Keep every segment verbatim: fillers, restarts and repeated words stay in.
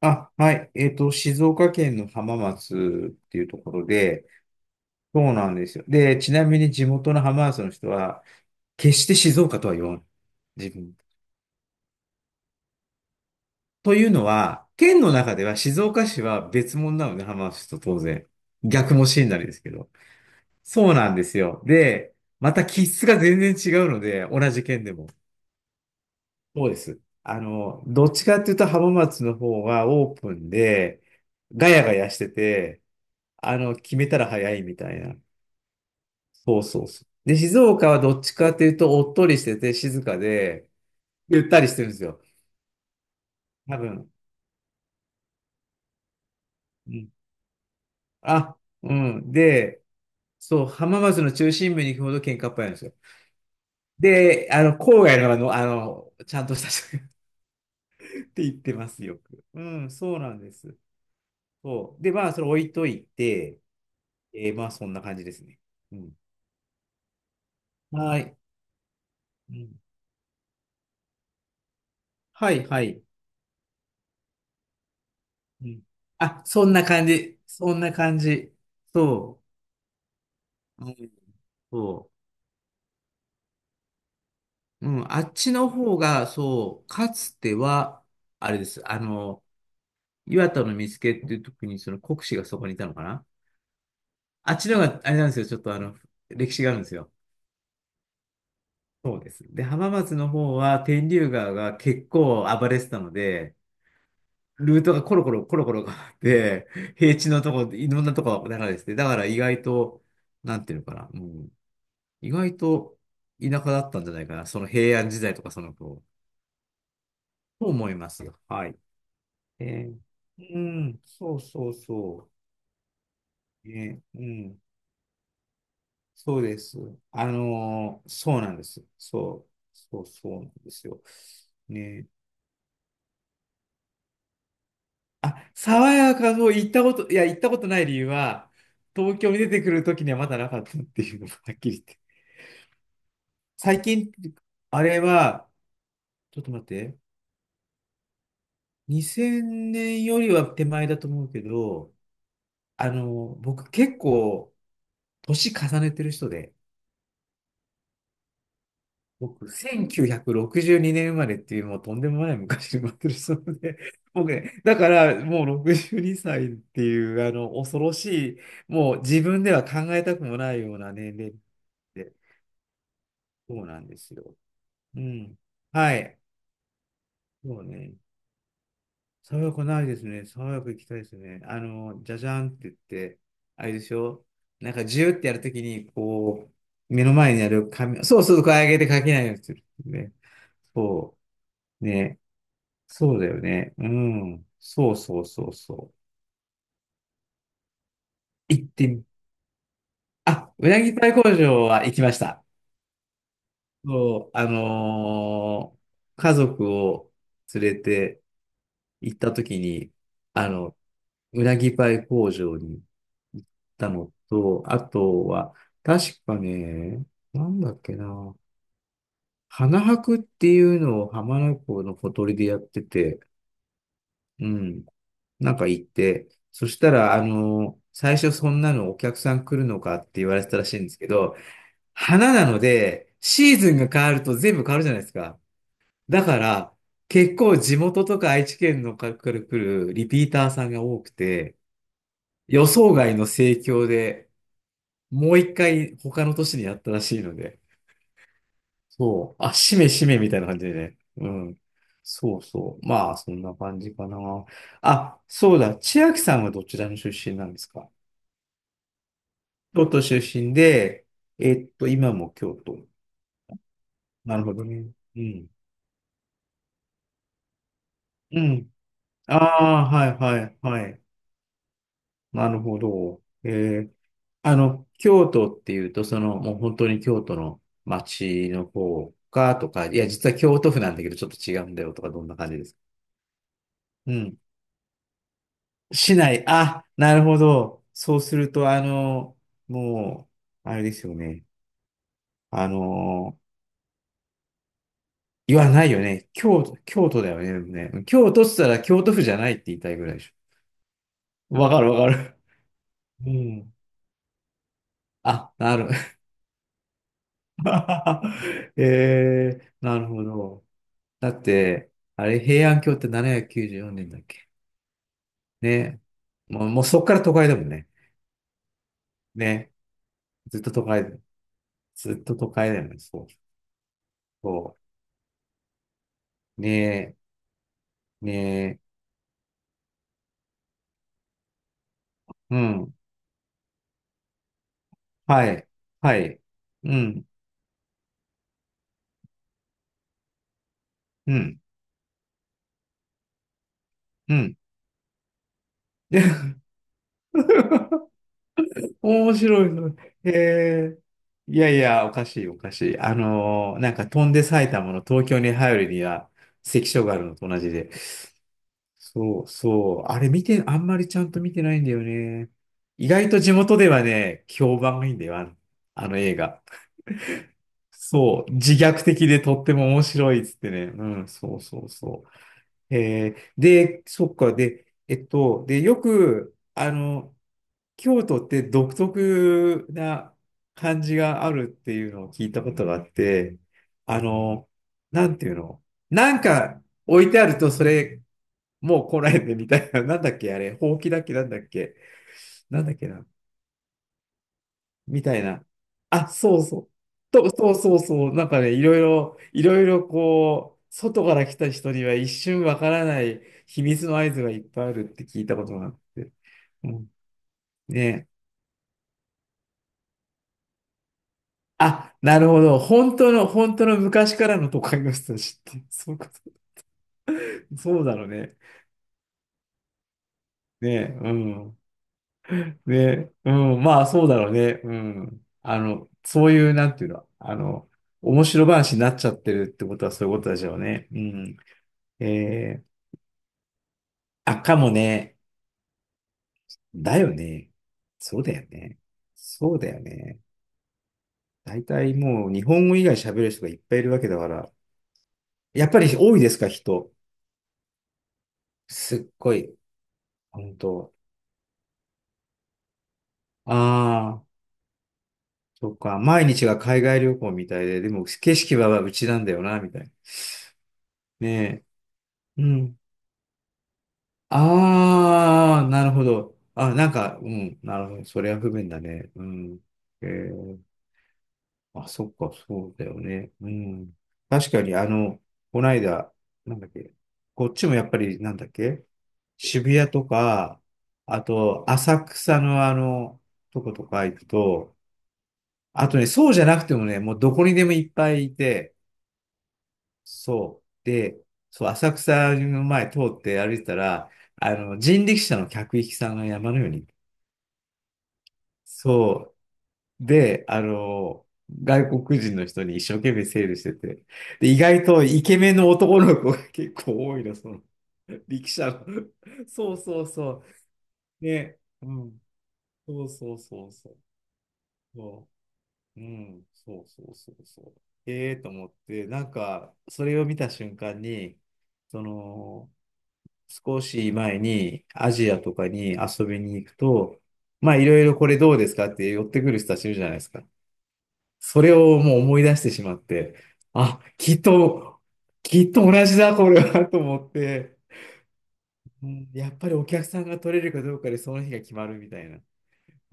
あ、はい。えっと、静岡県の浜松っていうところで、そうなんですよ。で、ちなみに地元の浜松の人は、決して静岡とは言わない。自分。というのは、県の中では静岡市は別物なので、浜松と当然。逆もしになりですけど。そうなんですよ。で、また気質が全然違うので、同じ県でも。そうです。あの、どっちかっていうと浜松の方はオープンで、ガヤガヤしてて、あの、決めたら早いみたいな。そうそうそう。で、静岡はどっちかというと、おっとりしてて静かで、ゆったりしてるんですよ。多分。うん。あ、うん。で、そう、浜松の中心部に行くほど喧嘩っぽいんですよ。で、あの、郊外のあの、あの、ちゃんとした人 って言ってますよく。うん、そうなんです。そう。で、まあ、それ置いといて、えーまあ、そんな感じですね。うん。はい。うん。はい、はい。うん。あ、そんな感じ。そんな感じ。そう。うん、そう、うん、あっちの方が、そう、かつては、あれです。あの、岩田の見附っていう時に、その国司がそこにいたのかな？あっちの方が、あれなんですよ。ちょっとあの、歴史があるんですよ。そうです。で、浜松の方は、天竜川が結構暴れてたので、ルートがコロコロコロコロ変わって、平地のとこ、いろんなとこが流れてて、だから意外と、なんていうのかな、うん、意外と田舎だったんじゃないかな。その平安時代とかその頃、と思いますよ。はい。えーうん、そうそうそう。えうん、そうです。あのーそうなんです。そう、そう、そうなんですよ。ね。あ、爽やかの行ったこと、いや、行ったことない理由は、東京に出てくるときにはまだなかったっていうのがはっきり言って。最近、あれは、ちょっと待って、にせんねんよりは手前だと思うけど、あの、僕結構、年重ねてる人で、僕、せんきゅうひゃくろくじゅうにねん生まれっていう、もうとんでもない昔に生まれてる人うで、僕ね、だからもうろくじゅうにさいっていう、あの、恐ろしい、もう自分では考えたくもないような年齢で、そうなんですよ。うん。はい。そうね。爽やかないですね。爽やか行きたいですね。あの、じゃじゃんって言って、あれでしょ？なんかジューってやるときに、こう、目の前にある紙、そうそう、こえ上げて書けないようにする。ね。そう。ね。そうだよね。うん。そうそうそうそう。行ってみ、あ、うなぎパイ工場は行きました。そう、あのー家族を連れて行った時に、あの、うなぎパイ工場に行ったのと、あとは、確かね、なんだっけな、花博っていうのを浜名湖のほとりでやってて、うん。なんか行って、そしたら、あの、最初そんなのお客さん来るのかって言われてたらしいんですけど、花なので、シーズンが変わると全部変わるじゃないですか。だから、結構地元とか愛知県の方から来るリピーターさんが多くて、予想外の盛況で、もういっかい他の都市にやったらしいので、そう、あ、しめしめみたいな感じでね。うん。そうそう。まあ、そんな感じかな。あ、そうだ。千秋さんはどちらの出身なんですか？京都出身で、えっと、今も京都。なるほどね。うん。うん。ああ、はいはいはい。なるほど。えー、あの、京都っていうと、その、もう本当に京都の街の方かとか、いや、実は京都府なんだけど、ちょっと違うんだよとか、どんな感じですか？うん。市内。あ、なるほど。そうすると、あの、もう、あれですよね。あの言わないよね。京都、京都だよね。でもね京都っつったら京都府じゃないって言いたいぐらいでしょ。わかるわかる。うん。あ、なる。えー、なるほど。だって、あれ、平安京ってななひゃくきゅうじゅうよねんだっけ？ね。もう、もうそっから都会だもんね。ね。ずっと都会、ずっと都会だよね。そう。そう。ねえ、ねえ。うん。はい。はい。うん。うん。うん。面白いの。へえ。いやいや、おかしい、おかしい。あのーなんか飛んで埼玉の東京に入るには関所があるのと同じで。そうそう。あれ見て、あんまりちゃんと見てないんだよね。意外と地元ではね、評判がいいんだよ、あの、あの映画。そう。自虐的でとっても面白いっつってね。うん、そうそうそう。えーで、そっか、で、えっと、で、よく、あの、京都って独特な感じがあるっていうのを聞いたことがあって、あの、なんていうの、なんか置いてあると、それ、もう来ないでみたいな、なんだっけ、あれ、ほうきだっけ、なんだっけ、なんだっけな、みたいな。あ、そうそう。と、そうそうそう。なんかね、いろいろ、いろいろこう、外から来た人には一瞬わからない秘密の合図がいっぱいあるって聞いたことがあって。うん、ねえ、あ、なるほど。本当の、本当の昔からの都会の人たちって、そういうこと、そうだろうね。ねえ、うん。ねえ、うん。まあ、そうだろうね。うん。あの、そういう、なんていうの、あの、面白話になっちゃってるってことはそういうことでしょうね。うん。えーあ、かもね。だよね。そうだよね。そうだよね。大体もう日本語以外喋る人がいっぱいいるわけだから。やっぱり多いですか、人？すっごい。本当？ああ、そっか。毎日が海外旅行みたいで、でも景色はうちなんだよな、みたいな。ねえ。うん。ああ、なるほど。あ、なんか、うん。なるほど。それは不便だね。うん。えーあ、そっか、そうだよね。うん。確かに、あの、こないだ、なんだっけ、こっちもやっぱり、なんだっけ、渋谷とか、あと、浅草のあの、とことか行くと、あとね、そうじゃなくてもね、もうどこにでもいっぱいいて、そう。で、そう、浅草の前通って歩いてたら、あの、人力車の客引きさんが山のように、そうで、あの、外国人の人に一生懸命セールしてて、で、意外とイケメンの男の子が結構多いの、その、力車の。そうそうそう。ね、うん。そうそうそうそう。そう、うん、そうそうそうそう。ええと思って、なんか、それを見た瞬間に、その、少し前にアジアとかに遊びに行くと、まあ、いろいろこれどうですかって寄ってくる人たちいるじゃないですか。それをもう思い出してしまって、あ、きっと、きっと同じだ、これは、と思って、うん、やっぱりお客さんが取れるかどうかでその日が決まるみたいな。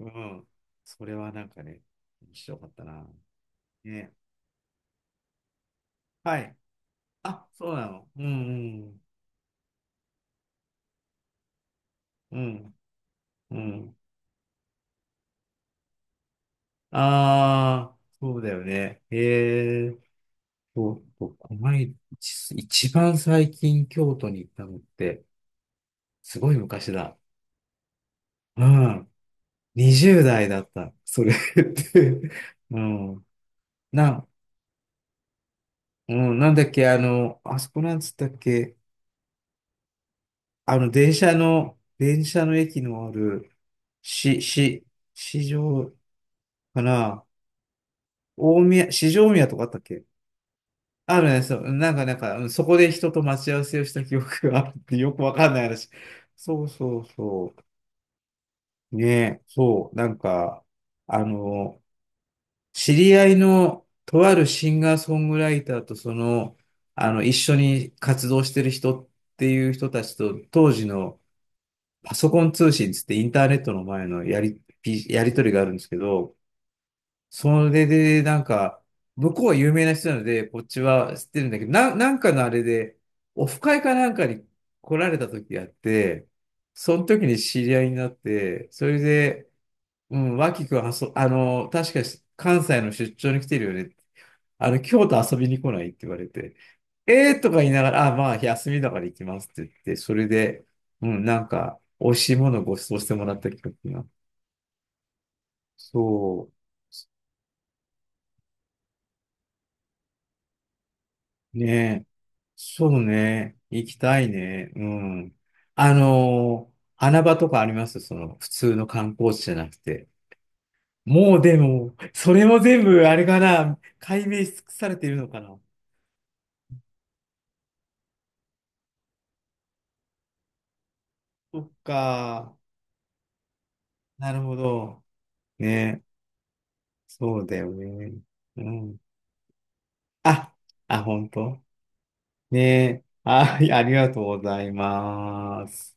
うん。それはなんかね、面白かったな。ね。はい。あ、そうなの。うんうん。うん。うん。ああ、そうだよね。へえ。そうそう、この間、一一番最近京都に行ったのって、すごい昔だ。うん。にじゅう代だった。それって。うん。な、うん、なんだっけ、あの、あそこなんつったっけ、あの、電車の、電車の駅のある、し、し、市場かな、大宮、市場大宮とかあったっけ？あるね、そう、なんか、なんか、うん、そこで人と待ち合わせをした記憶があるってよくわかんない話。そうそうそう。ね、そう、なんか、あの、知り合いのとあるシンガーソングライターとその、あの、一緒に活動してる人っていう人たちと、当時のパソコン通信つってインターネットの前のやり、ピやりとりがあるんですけど、それでなんか、向こうは有名な人なので、こっちは知ってるんだけど、な、なんかのあれで、オフ会かなんかに来られた時があって、その時に知り合いになって、それで、うん、脇くんはそ、あの、確かに関西の出張に来てるよねって。あの、京都遊びに来ないって言われて、えーとか言いながら、あ、まあ、休みだから行きますって言って、それで、うん、なんか、美味しいものをご馳走してもらった記憶が。そう。ねえ。そうね。行きたいね。うん。あのー穴場とかあります？その、普通の観光地じゃなくて。もうでも、それも全部、あれかな、解明し尽くされているのかな。そっか。なるほど。ね。そうだよね。うん。あ、あ、本当ね。あ、ありがとうございます。